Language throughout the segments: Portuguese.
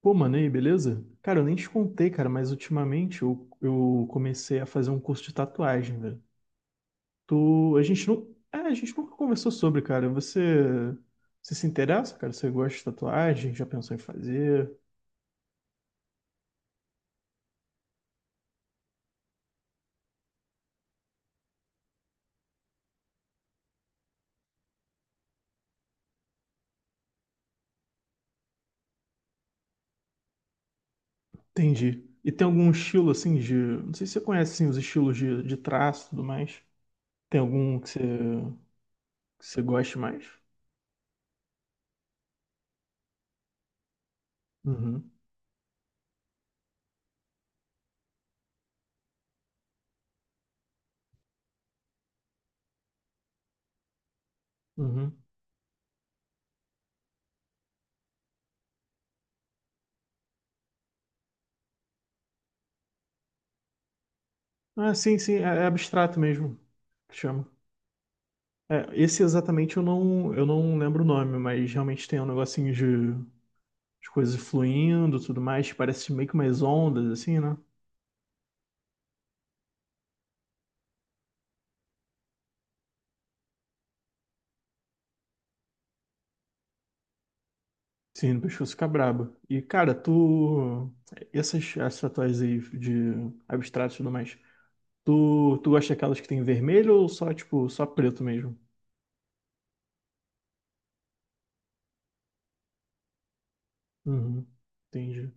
Pô, mano, e aí, beleza? Cara, eu nem te contei, cara, mas ultimamente eu comecei a fazer um curso de tatuagem, velho. Tu, a gente não, é, a gente nunca conversou sobre, cara. Você, você se interessa, cara? Você gosta de tatuagem? Já pensou em fazer? Entendi. E tem algum estilo assim de, não sei se você conhece assim, os estilos de traço e tudo mais. Tem algum que você goste mais? Uhum, uhum. Ah, sim, sim, é, é abstrato mesmo. Que chama. É, esse exatamente eu não lembro o nome, mas realmente tem um negocinho de coisas fluindo, tudo mais, parece meio que umas ondas, assim, né? Sim, o pescoço fica brabo. E, cara, tu... Essas, essas tatuagens aí de abstrato e tudo mais, tu, tu gosta daquelas que tem vermelho ou só, tipo, só preto mesmo? Uhum, entendi.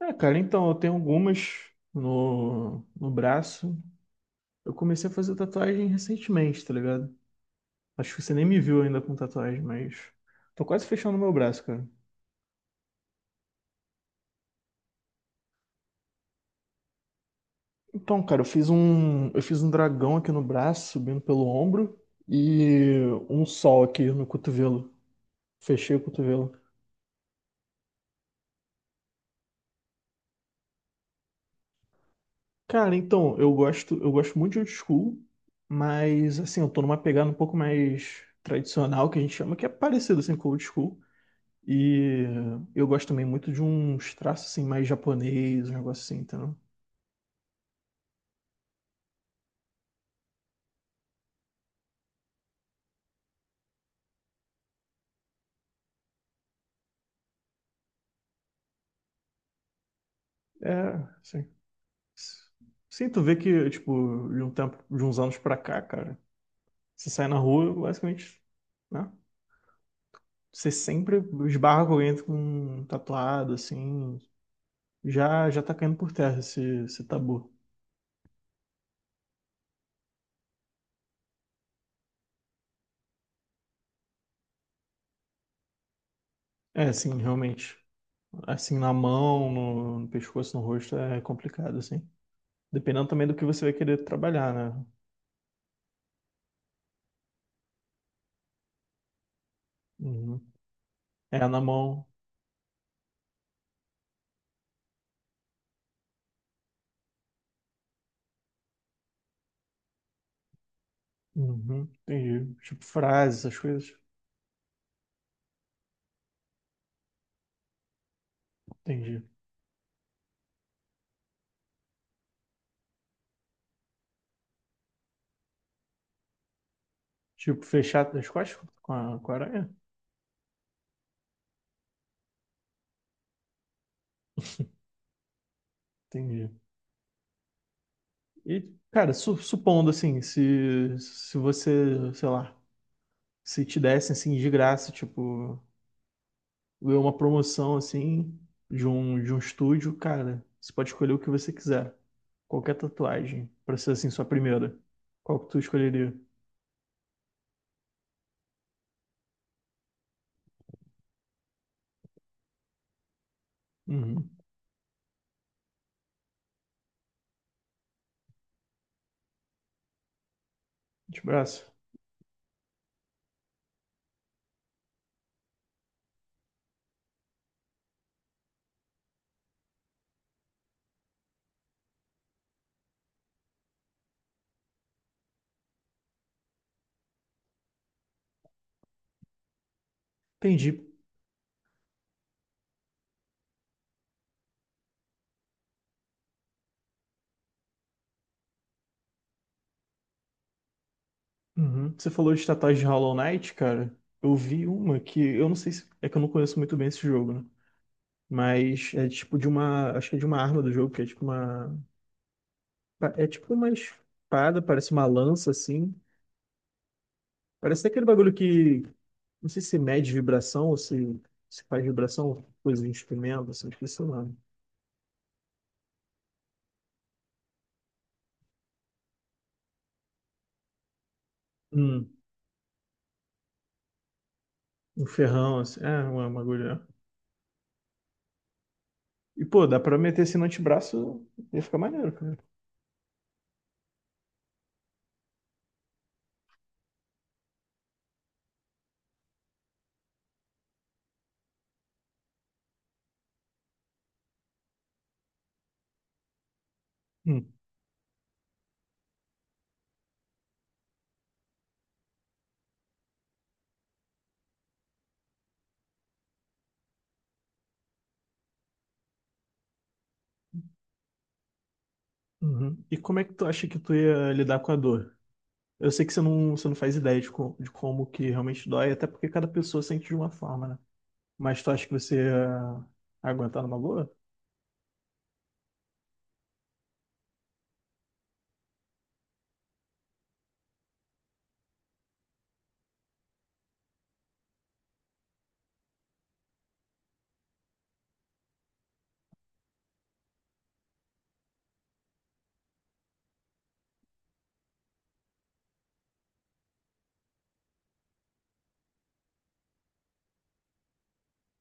É, cara, então, eu tenho algumas no, no braço. Eu comecei a fazer tatuagem recentemente, tá ligado? Acho que você nem me viu ainda com tatuagem, mas tô quase fechando meu braço, cara. Então, cara, eu fiz um dragão aqui no braço, subindo pelo ombro e um sol aqui no cotovelo. Fechei o cotovelo. Cara, então, eu gosto muito de old school, mas assim, eu tô numa pegada um pouco mais tradicional que a gente chama, que é parecido assim com old school. E eu gosto também muito de uns traços assim mais japonês, um negócio assim, então. É, sim. Sim, tu vê que, tipo, de um tempo, de uns anos pra cá, cara, você sai na rua, basicamente, né? Você sempre esbarra com alguém com um tatuado, assim, já já tá caindo por terra esse, esse tabu. É, assim, realmente, assim, na mão, no, no pescoço, no rosto, é complicado, assim. Dependendo também do que você vai querer trabalhar, né? Uhum. É, na mão, uhum, entendi. Tipo, frases, essas coisas, entendi. Tipo, fechar as costas com a aranha, entendi. E, cara, su- supondo assim, se você, sei lá, se te dessem assim de graça, tipo, ganhou uma promoção assim de um estúdio, cara, você pode escolher o que você quiser. Qualquer tatuagem, pra ser assim, sua primeira. Qual que tu escolheria? Uhum. De braço. Entendi. Uhum. Você falou de tatuagem de Hollow Knight, cara. Eu vi uma que eu não sei se é que eu não conheço muito bem esse jogo, né? Mas é tipo de uma, acho que é de uma arma do jogo, que é tipo uma É tipo uma espada, parece uma lança assim. Parece aquele bagulho que não sei se mede vibração ou se faz vibração, coisa de instrumento, assim, esqueci o nome. Hum, um ferrão, assim. É, uma bagulho. E pô, dá pra meter assim no antebraço, ia ficar maneiro, cara. Hum, uhum. E como é que tu acha que tu ia lidar com a dor? Eu sei que você não faz ideia de, co- de como que realmente dói, até porque cada pessoa sente de uma forma, né? Mas tu acha que você ia aguentar numa boa?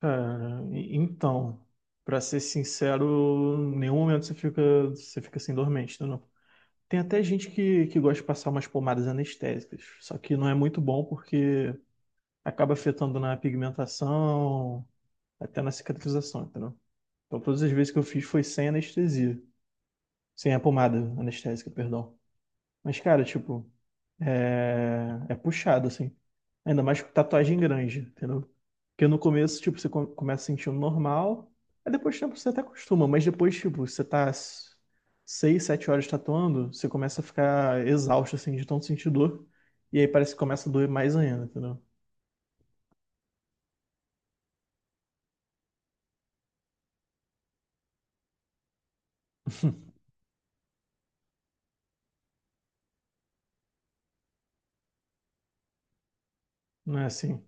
Cara, e- então, pra ser sincero, em nenhum momento você fica assim dormente, tá, não? Tem até gente que gosta de passar umas pomadas anestésicas, só que não é muito bom porque acaba afetando na pigmentação, até na cicatrização, entendeu? Então, todas as vezes que eu fiz foi sem anestesia, sem a pomada anestésica, perdão. Mas, cara, tipo, é, é puxado, assim. Ainda mais com tatuagem grande, entendeu? Porque no começo, tipo, você co- começa sentindo normal, aí depois de tempo você até acostuma, mas depois, tipo, você tá s- 6, 7 horas tatuando, você começa a ficar exausto, assim, de tanto sentir dor, e aí parece que começa a doer mais ainda, entendeu? Não é assim.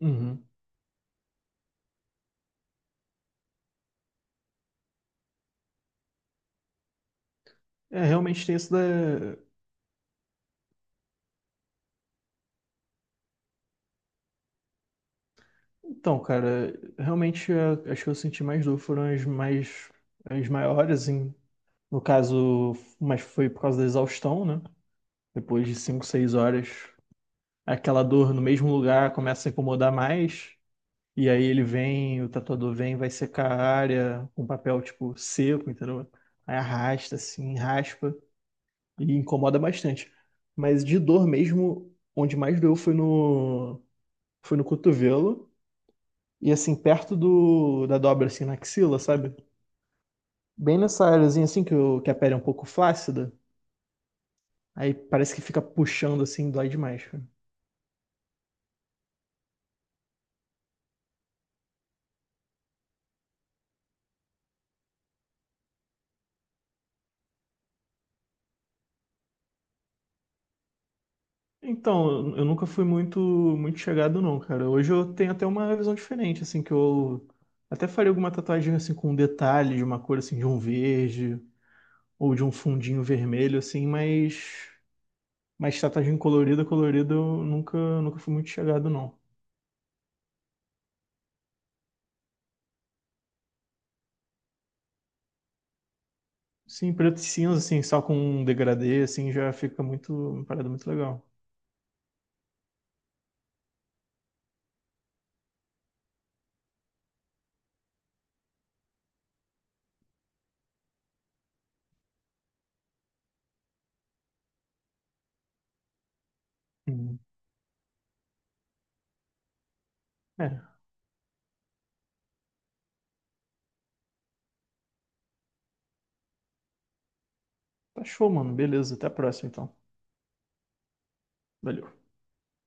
Uhum. É, realmente tem isso da... Então, cara, realmente a- as que eu senti mais dor foram as mais... as maiores, em... no caso, mas foi por causa da exaustão, né? Depois de 5, 6 horas, aquela dor no mesmo lugar começa a incomodar mais. E aí ele vem, o tatuador vem, vai secar a área com papel, tipo, seco, entendeu? Aí arrasta, assim, raspa e incomoda bastante. Mas de dor mesmo, onde mais doeu foi no cotovelo e, assim, perto do, da dobra, assim, na axila, sabe? Bem nessa áreazinha, assim, que, o- que a pele é um pouco flácida. Aí parece que fica puxando, assim, dói demais, cara. Então, eu nunca fui muito muito chegado não, cara. Hoje eu tenho até uma visão diferente, assim, que eu até faria alguma tatuagem assim com um detalhe de uma cor assim de um verde ou de um fundinho vermelho assim, mas tatuagem colorida, colorida eu nunca nunca fui muito chegado não. Sim, preto e cinza assim, só com um degradê assim já fica muito uma parada muito legal. Uhum. É, tá show, mano. Beleza, até a próxima então. Valeu.